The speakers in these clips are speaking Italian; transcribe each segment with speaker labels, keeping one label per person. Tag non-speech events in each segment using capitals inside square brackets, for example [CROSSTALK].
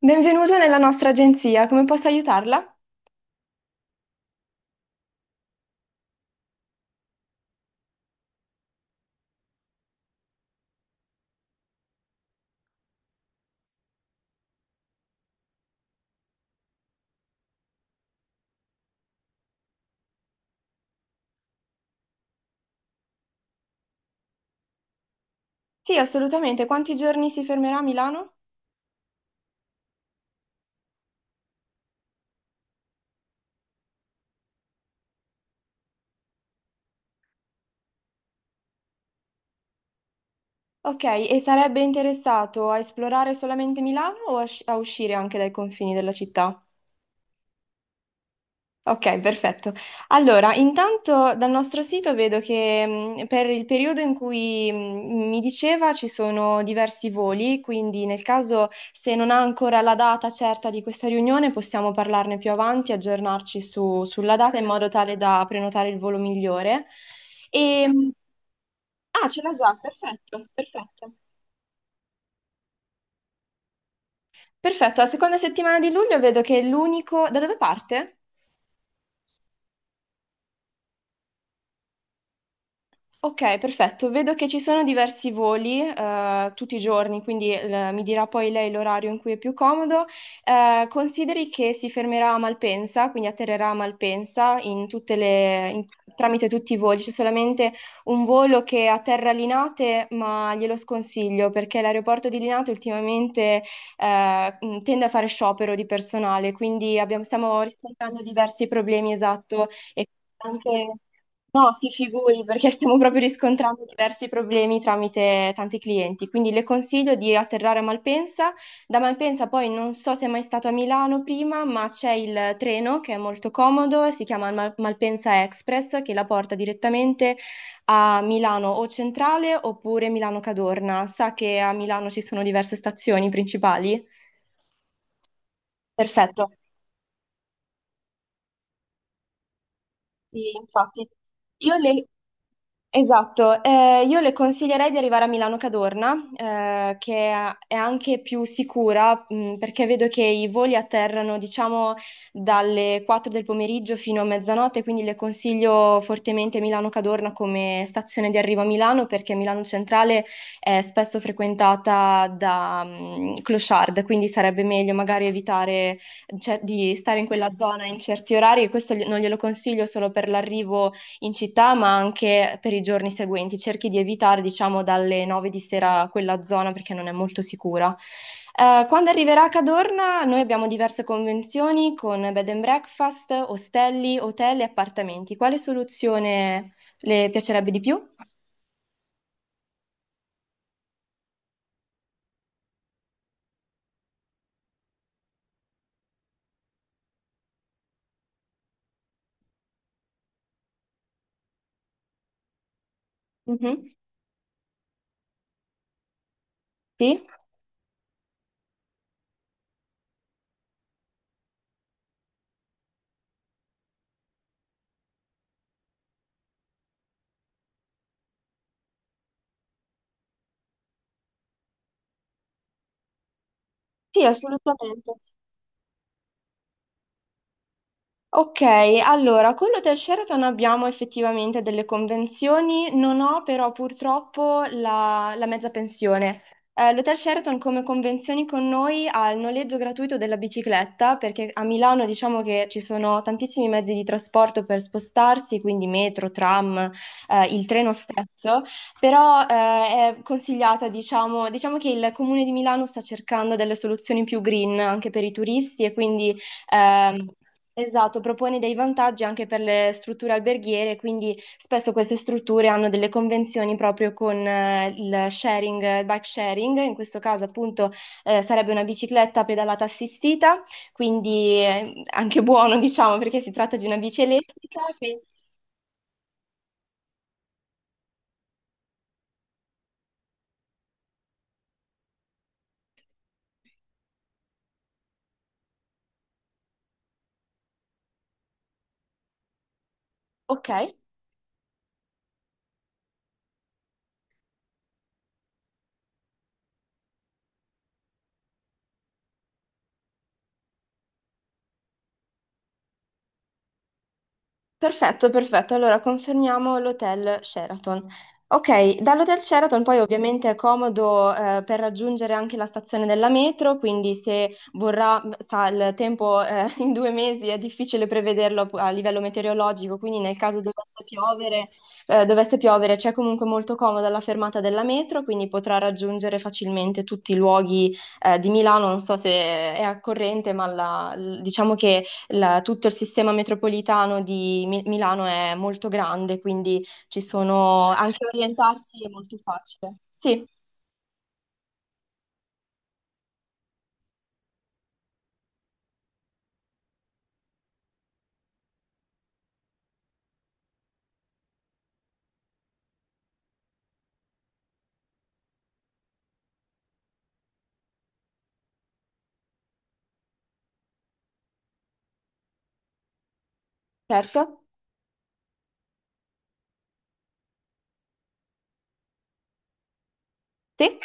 Speaker 1: Benvenuto nella nostra agenzia, come posso aiutarla? Sì, assolutamente. Quanti giorni si fermerà a Milano? Ok, e sarebbe interessato a esplorare solamente Milano o a uscire anche dai confini della città? Ok, perfetto. Allora, intanto dal nostro sito vedo che per il periodo in cui mi diceva ci sono diversi voli, quindi nel caso se non ha ancora la data certa di questa riunione possiamo parlarne più avanti, aggiornarci sulla data in modo tale da prenotare il volo migliore. E, mh, ah, ce l'ha già, perfetto, perfetto. Perfetto, la seconda settimana di luglio vedo che è l'unico... Da dove parte? Ok, perfetto. Vedo che ci sono diversi voli tutti i giorni, quindi mi dirà poi lei l'orario in cui è più comodo. Consideri che si fermerà a Malpensa, quindi atterrerà a Malpensa in tutte le- in- tramite tutti i voli. C'è solamente un volo che atterra a Linate, ma glielo sconsiglio perché l'aeroporto di Linate ultimamente tende a fare sciopero di personale, quindi stiamo riscontrando diversi problemi, esatto. E anche... No, si figuri perché stiamo proprio riscontrando diversi problemi tramite tanti clienti, quindi le consiglio di atterrare a Malpensa. Da Malpensa poi non so se è mai stato a Milano prima, ma c'è il treno che è molto comodo, si chiama Malpensa Express che la porta direttamente a Milano o Centrale oppure Milano Cadorna. Sa che a Milano ci sono diverse stazioni principali? Perfetto, sì, infatti. Io le, Esatto, io le consiglierei di arrivare a Milano Cadorna, che è anche più sicura, perché vedo che i voli atterrano, diciamo, dalle 4 del pomeriggio fino a mezzanotte, quindi le consiglio fortemente Milano Cadorna come stazione di arrivo a Milano, perché Milano Centrale è spesso frequentata da, clochard, quindi sarebbe meglio magari evitare, cioè, di stare in quella zona in certi orari, e questo non glielo consiglio solo per l'arrivo in città, ma anche per i giorni seguenti. Cerchi di evitare, diciamo, dalle 9 di sera quella zona perché non è molto sicura. Quando arriverà a Cadorna, noi abbiamo diverse convenzioni con bed and breakfast, ostelli, hotel e appartamenti. Quale soluzione le piacerebbe di più? Mhm. Sì? Sì, assolutamente. Ok, allora, con l'Hotel Sheraton abbiamo effettivamente delle convenzioni, non ho però purtroppo la mezza pensione. L'Hotel Sheraton come convenzioni con noi ha il noleggio gratuito della bicicletta, perché a Milano diciamo che ci sono tantissimi mezzi di trasporto per spostarsi, quindi metro, tram, il treno stesso, però è consigliata, diciamo che il Comune di Milano sta cercando delle soluzioni più green anche per i turisti e quindi... Ehm, Esatto, propone dei vantaggi anche per le strutture alberghiere, quindi spesso queste strutture hanno delle convenzioni proprio con il sharing, bike sharing, in questo caso appunto sarebbe una bicicletta pedalata assistita, quindi anche buono [LAUGHS] diciamo perché si tratta di una bici elettrica. Che- Ok. Perfetto, perfetto. Allora confermiamo l'hotel Sheraton. Ok, dall'hotel Sheraton poi ovviamente è comodo per raggiungere anche la stazione della metro, quindi se vorrà, sa, il tempo [LAUGHS] in due mesi è difficile prevederlo a livello meteorologico, quindi nel caso dovesse piovere c'è comunque molto comoda la fermata della metro, quindi potrà raggiungere facilmente tutti i luoghi di Milano. Non so se è a corrente, ma diciamo che tutto il sistema metropolitano di Milano è molto grande, quindi ci sono anche orientarsi è molto facile. Sì, certo. Sì?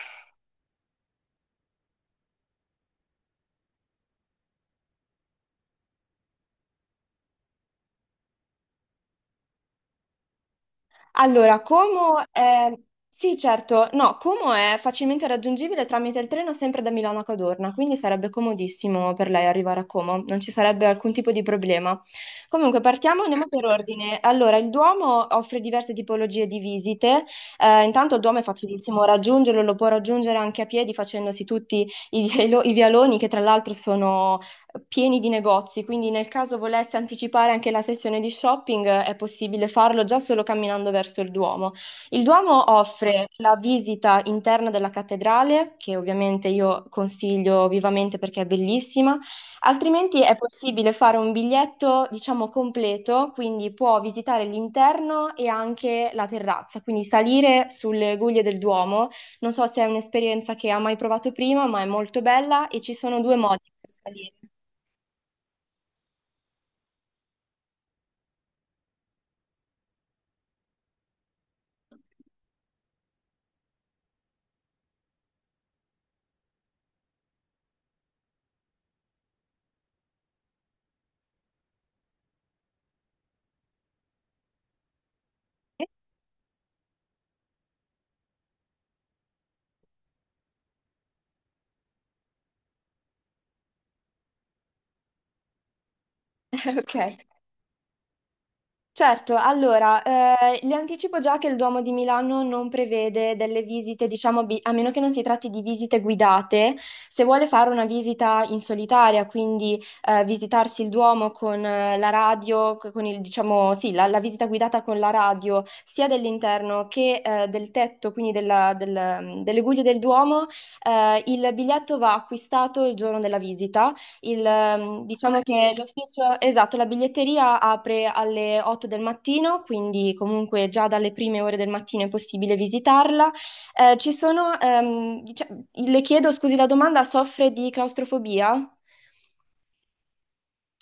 Speaker 1: Allora, Como è... Sì, certo, no, Como è facilmente raggiungibile tramite il treno sempre da Milano a Cadorna, quindi sarebbe comodissimo per lei arrivare a Como, non ci sarebbe alcun tipo di problema. Comunque, partiamo, andiamo per ordine. Allora, il Duomo offre diverse tipologie di visite. Intanto il Duomo è facilissimo raggiungerlo, lo può raggiungere anche a piedi facendosi tutti i vialoni, che tra l'altro sono pieni di negozi, quindi nel caso volesse anticipare anche la sessione di shopping è possibile farlo già solo camminando verso il Duomo. Il Duomo offre la visita interna della cattedrale, che ovviamente io consiglio vivamente perché è bellissima, altrimenti è possibile fare un biglietto, diciamo, completo, quindi può visitare l'interno e anche la terrazza, quindi salire sulle guglie del Duomo. Non so se è un'esperienza che ha mai provato prima, ma è molto bella e ci sono due modi per salire. [LAUGHS] Ok, certo. Allora, le anticipo già che il Duomo di Milano non prevede delle visite, diciamo, a meno che non si tratti di visite guidate. Se vuole fare una visita in solitaria, quindi visitarsi il Duomo con la radio, con il, diciamo, sì, la, la visita guidata con la radio, sia dell'interno che del tetto, quindi delle guglie del Duomo, il biglietto va acquistato il giorno della visita. Il, diciamo che l'ufficio, esatto, la biglietteria apre alle 8 del mattino, quindi comunque già dalle prime ore del mattino è possibile visitarla. Le chiedo, scusi la domanda, soffre di claustrofobia?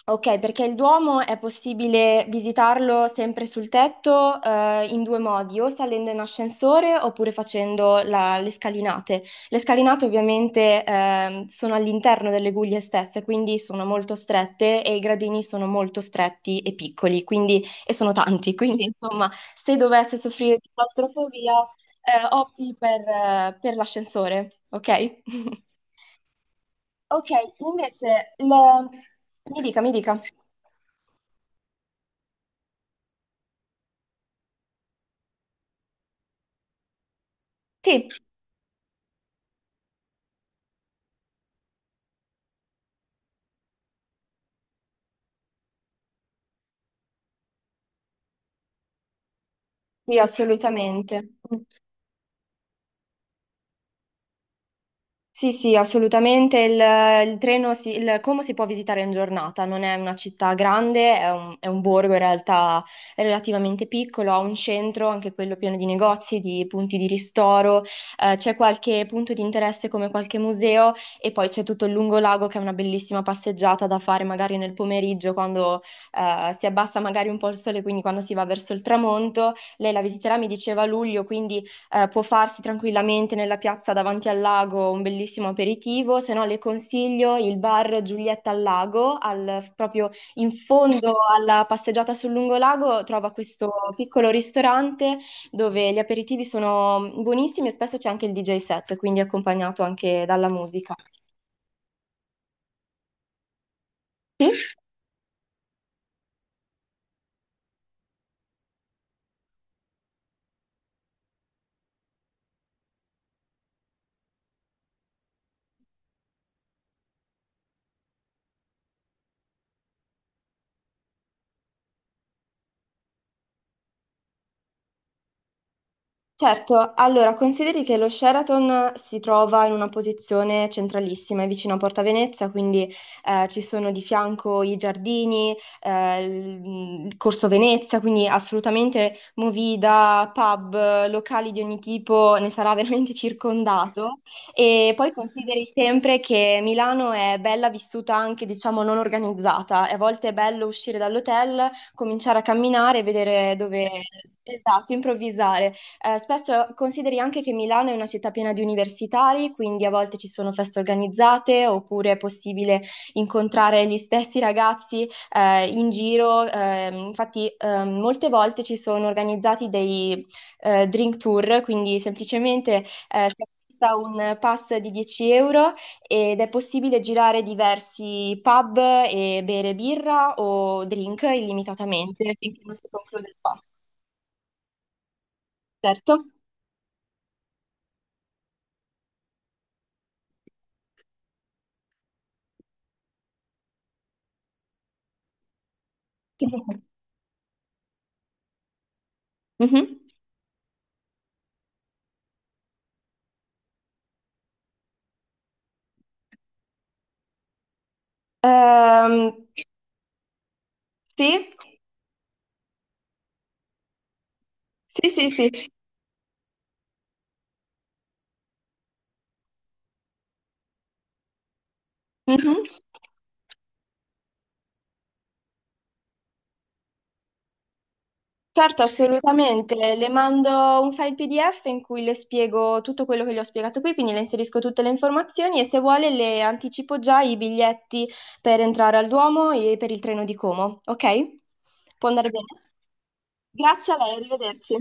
Speaker 1: Ok, perché il Duomo è possibile visitarlo sempre sul tetto, in due modi, o salendo in ascensore oppure facendo le scalinate. Le scalinate ovviamente sono all'interno delle guglie stesse, quindi sono molto strette e i gradini sono molto stretti e piccoli, quindi, e sono tanti. [LAUGHS] Quindi insomma, se dovesse soffrire di claustrofobia, opti per l'ascensore, ok? [LAUGHS] Ok, invece, le- mi dica, mi dica. Sì, sì, assolutamente. Mm. Sì, sì, assolutamente. Il treno, si, il Como si può visitare in giornata, non è una città grande, è un borgo in realtà relativamente piccolo, ha un centro, anche quello pieno di negozi, di punti di ristoro, c'è qualche punto di interesse come qualche museo e poi c'è tutto il lungolago che è una bellissima passeggiata da fare magari nel pomeriggio quando si abbassa magari un po' il sole, quindi quando si va verso il tramonto. Lei la visiterà, mi diceva a luglio, quindi può farsi tranquillamente nella piazza davanti al lago un bellissimo aperitivo, se no le consiglio il bar Giulietta al Lago, proprio in fondo alla passeggiata sul lungolago trova questo piccolo ristorante dove gli aperitivi sono buonissimi e spesso c'è anche il DJ set, quindi accompagnato anche dalla musica. Certo, allora consideri che lo Sheraton si trova in una posizione centralissima, è vicino a Porta Venezia, quindi ci sono di fianco i giardini, il Corso Venezia, quindi assolutamente movida, pub, locali di ogni tipo, ne sarà [LAUGHS] veramente circondato. E poi consideri sempre che Milano è bella vissuta anche, diciamo, non organizzata. A volte è bello uscire dall'hotel, cominciare a camminare e vedere dove... Esatto, improvvisare. Spesso consideri anche che Milano è una città piena di universitari, quindi a volte ci sono feste organizzate oppure è possibile incontrare gli stessi ragazzi in giro. Molte volte ci sono organizzati dei drink tour, quindi semplicemente si acquista un pass di 10 € ed è possibile girare diversi pub e bere birra o drink illimitatamente finché non si conclude il pass. Certo. [LAUGHS] Mhm. Ehm, sì, sì, sì, sì. Mhm. Certo, assolutamente. Le mando un file PDF in cui le spiego tutto quello che le ho spiegato qui, quindi le inserisco tutte le informazioni e se vuole le anticipo già i biglietti per entrare al Duomo e per il treno di Como, ok? Può andare bene? Grazie a lei, arrivederci.